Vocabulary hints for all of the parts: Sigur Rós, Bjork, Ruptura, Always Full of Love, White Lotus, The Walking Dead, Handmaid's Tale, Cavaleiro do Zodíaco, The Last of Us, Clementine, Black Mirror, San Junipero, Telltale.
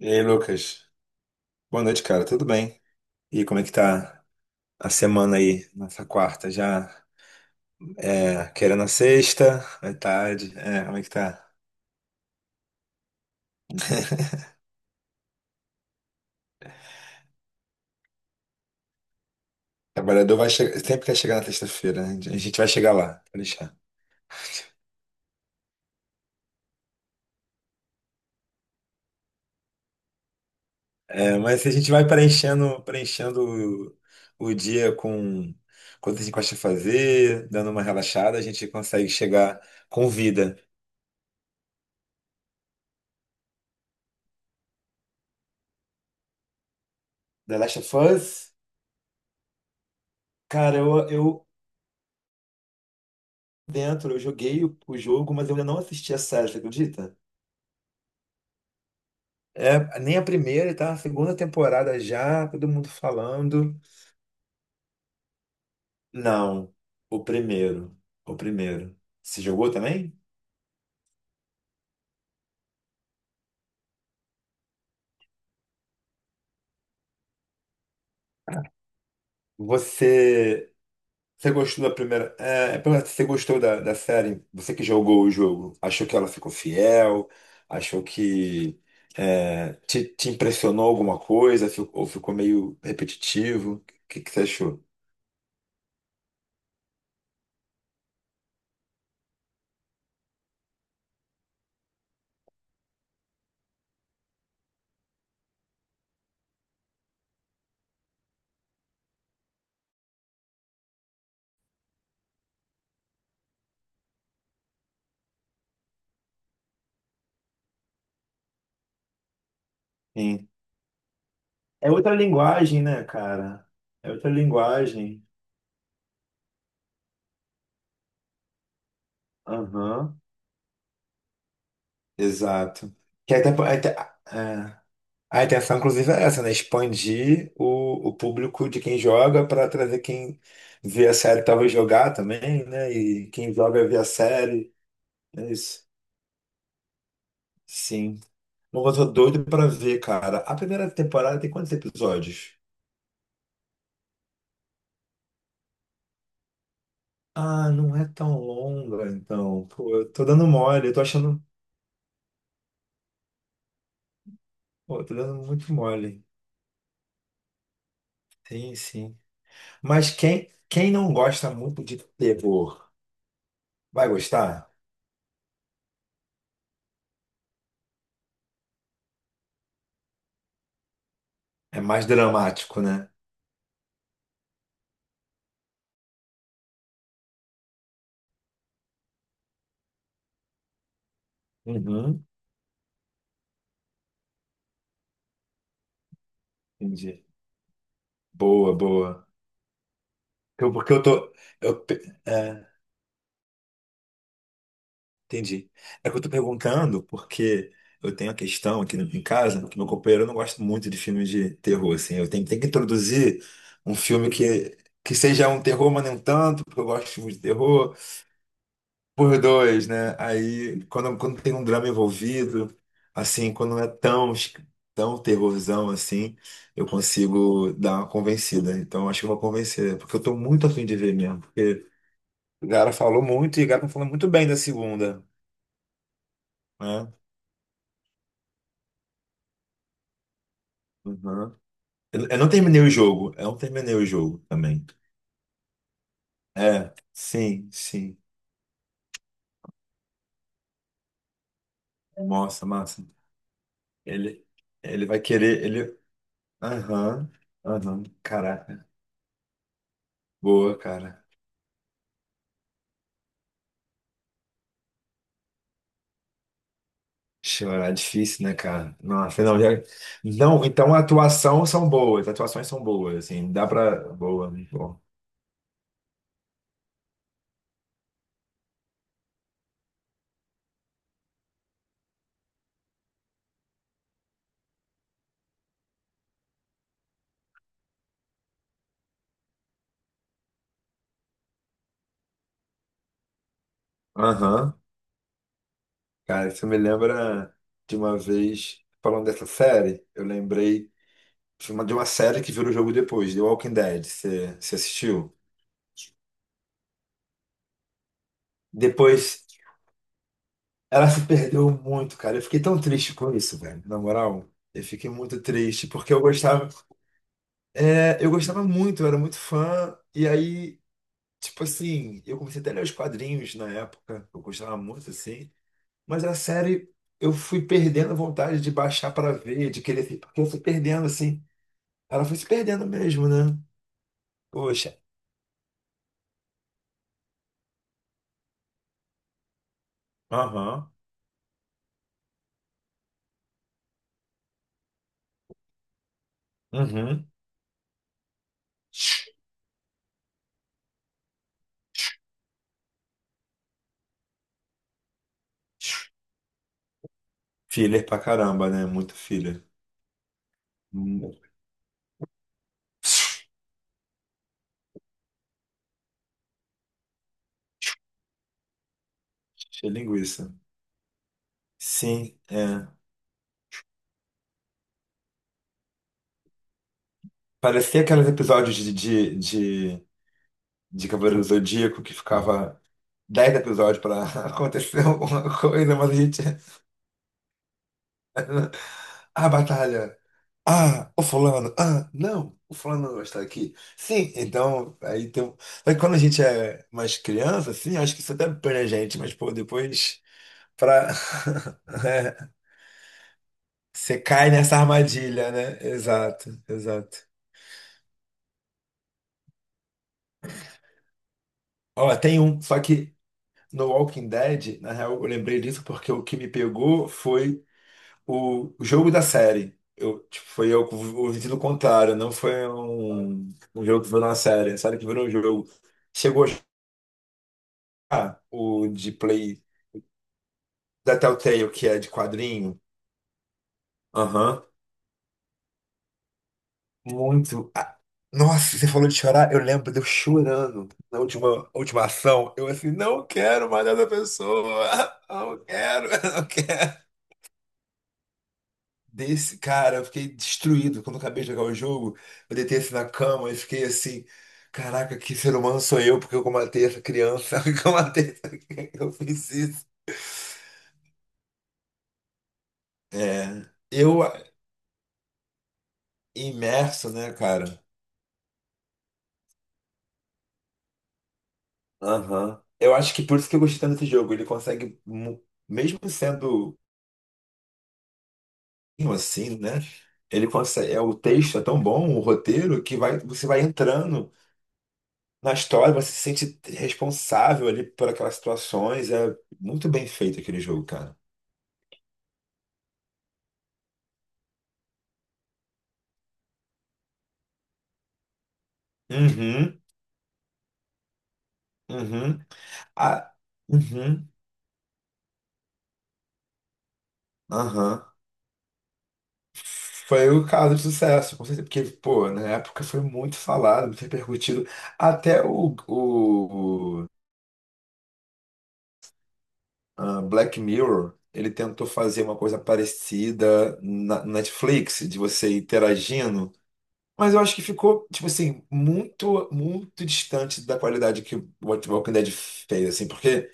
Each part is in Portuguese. E aí, Lucas? Boa noite, cara. Tudo bem? E como é que tá a semana aí, nessa quarta? Já querendo a sexta, metade. É, como é que tá? O Trabalhador vai chegar, sempre quer chegar na sexta-feira, né? A gente vai chegar lá, pode deixar. É, mas a gente vai preenchendo, preenchendo o, o dia com coisas que a gente gosta de fazer, dando uma relaxada, a gente consegue chegar com vida. The Last of Us, cara, eu eu joguei o jogo, mas eu ainda não assisti a série, você acredita? É, nem a primeira, e tá na segunda temporada já, todo mundo falando. Não, o primeiro. O primeiro. Você jogou também? Você, você gostou da primeira. É, você gostou da série? Você que jogou o jogo, achou que ela ficou fiel? Achou que te impressionou alguma coisa? Ou ficou meio repetitivo? Que você achou? Sim. É outra linguagem, né, cara? É outra linguagem. Aham. Exato. Que até, até, é, A intenção, inclusive, é essa, né? Expandir o público de quem joga para trazer quem vê a série talvez jogar também, né? E quem joga vê a série. É isso. Sim. Mas eu tô doido pra ver, cara. A primeira temporada tem quantos episódios? Ah, não é tão longa, então. Pô, eu tô dando mole, eu tô achando. Pô, eu tô dando muito mole. Sim, sim. Mas quem não gosta muito de terror, vai gostar? É mais dramático, né? Uhum, entendi. Boa, boa. Eu- porque eu tô. Eu, pe- é, Entendi. É que eu tô perguntando porque eu tenho a questão aqui em casa, que meu companheiro não gosta muito de filmes de terror, assim. Tenho que introduzir um filme que seja um terror, mas não tanto, porque eu gosto de filmes de terror. Por dois, né? Aí, quando tem um drama envolvido, assim, quando não é tão, es- tão terrorzão assim, eu consigo dar uma convencida. Então, acho que eu vou convencer, porque eu tô muito afim de ver mesmo. Porque o cara falou muito e o cara tá falando muito bem da segunda, né? Uhum. Eu não terminei o jogo, eu não terminei o jogo também. É, sim, sim. Nossa, massa. Ele, ele vai querer, ele. Aham, aham, caraca. Boa, cara. Chorar é difícil, né, cara? Nossa, não, já... Não, então a atuação são boas, as atuações são boas, assim, dá pra. Boa, muito bom. Aham. Cara, isso me lembra de uma vez, falando dessa série, eu lembrei de uma série que virou jogo depois, The Walking Dead, você assistiu? Depois, ela se perdeu muito, cara, eu fiquei tão triste com isso, velho, na moral. Eu fiquei muito triste, porque eu gostava muito, eu era muito fã, e aí. Tipo assim, eu comecei até a ler os quadrinhos na época, eu gostava muito assim, mas a série eu fui perdendo a vontade de baixar para ver, de querer, porque eu fui perdendo assim. Ela foi se perdendo mesmo, né? Poxa. Aham. Uhum. Filler pra caramba, né? Muito filler. Hum. Cheia de linguiça. Sim, é. Parecia aqueles episódios de, de Cavaleiro do Zodíaco que ficava 10 episódios pra acontecer alguma coisa, mas a gente. A batalha. Ah, o fulano, ah, não, o fulano não está aqui. Sim, então, mas quando a gente é mais criança, assim, acho que isso até põe a gente, mas, pô, depois pra. É, você cai nessa armadilha, né? Exato, exato. Ó, tem um, só que no Walking Dead, na real, eu lembrei disso porque o que me pegou foi o jogo da série. Eu, tipo, foi eu com o sentido contrário, não foi um jogo que virou uma série, a série que virou um jogo. Chegou. Ah, o de Play da Telltale, que é de quadrinho. Aham. Muito. Ah, nossa, você falou de chorar, eu lembro de eu chorando última ação. Eu assim, não quero mais essa pessoa. Não quero, não quero. Desse cara, eu fiquei destruído quando eu acabei de jogar o jogo. Eu deitei assim na cama e fiquei assim, caraca, que ser humano sou eu, porque eu matei essa criança, porque eu matei essa criança, eu fiz isso. É, eu imerso, né, cara? Aham. Eu acho que por isso que eu gostei tanto desse jogo. Mesmo sendo um assim, né? Ele consegue. O texto é tão bom, o roteiro, que vai, você vai entrando na história, você se sente responsável ali por aquelas situações. É muito bem feito aquele jogo, cara. Uhum, uhum. Ah, uhum, aham. Foi o caso de sucesso, com certeza, porque, pô, na época foi muito falado, muito repercutido. Até o, Black Mirror, ele tentou fazer uma coisa parecida na Netflix, de você interagindo, mas eu acho que ficou, tipo assim, muito, muito distante da qualidade que o Walking Dead fez, assim, porque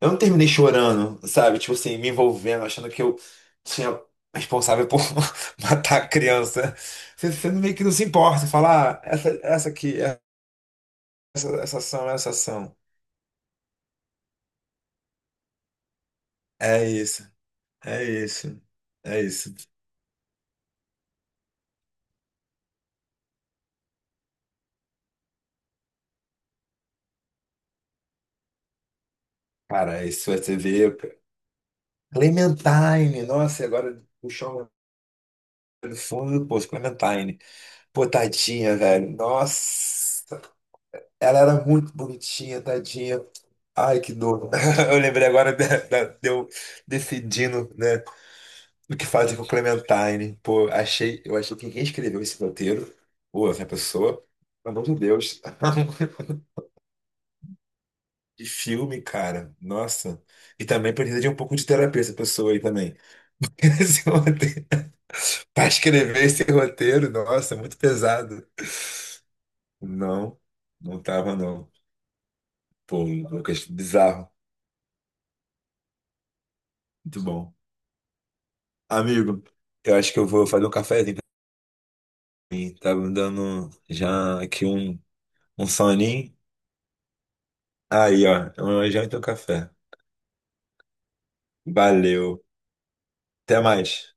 eu não terminei chorando, sabe? Tipo assim, me envolvendo, achando que eu tinha responsável por matar a criança. Você meio que não se importa, falar ah, essa aqui, essa ação, essa ação. É isso, é isso, é isso. Cara, isso é TV. Clementine, nossa, e agora puxar um fundo, pô, Clementine. Pô, tadinha, velho. Nossa, ela era muito bonitinha, tadinha. Ai, que dor. Eu lembrei agora de eu decidindo, né, o que fazer com Clementine. Pô, eu achei que quem escreveu esse roteiro, pô, essa pessoa, pelo amor de Deus. Que filme, cara. Nossa. E também precisa de um pouco de terapia essa pessoa aí também. Esse roteiro. Pra escrever esse roteiro, nossa, muito pesado. Não, não tava não. Pô, Lucas, bizarro. Muito bom. Amigo, eu acho que eu vou fazer um cafezinho pra mim. Tá me dando já aqui um soninho. Aí, ó, uma janta e um café. Valeu. Até mais.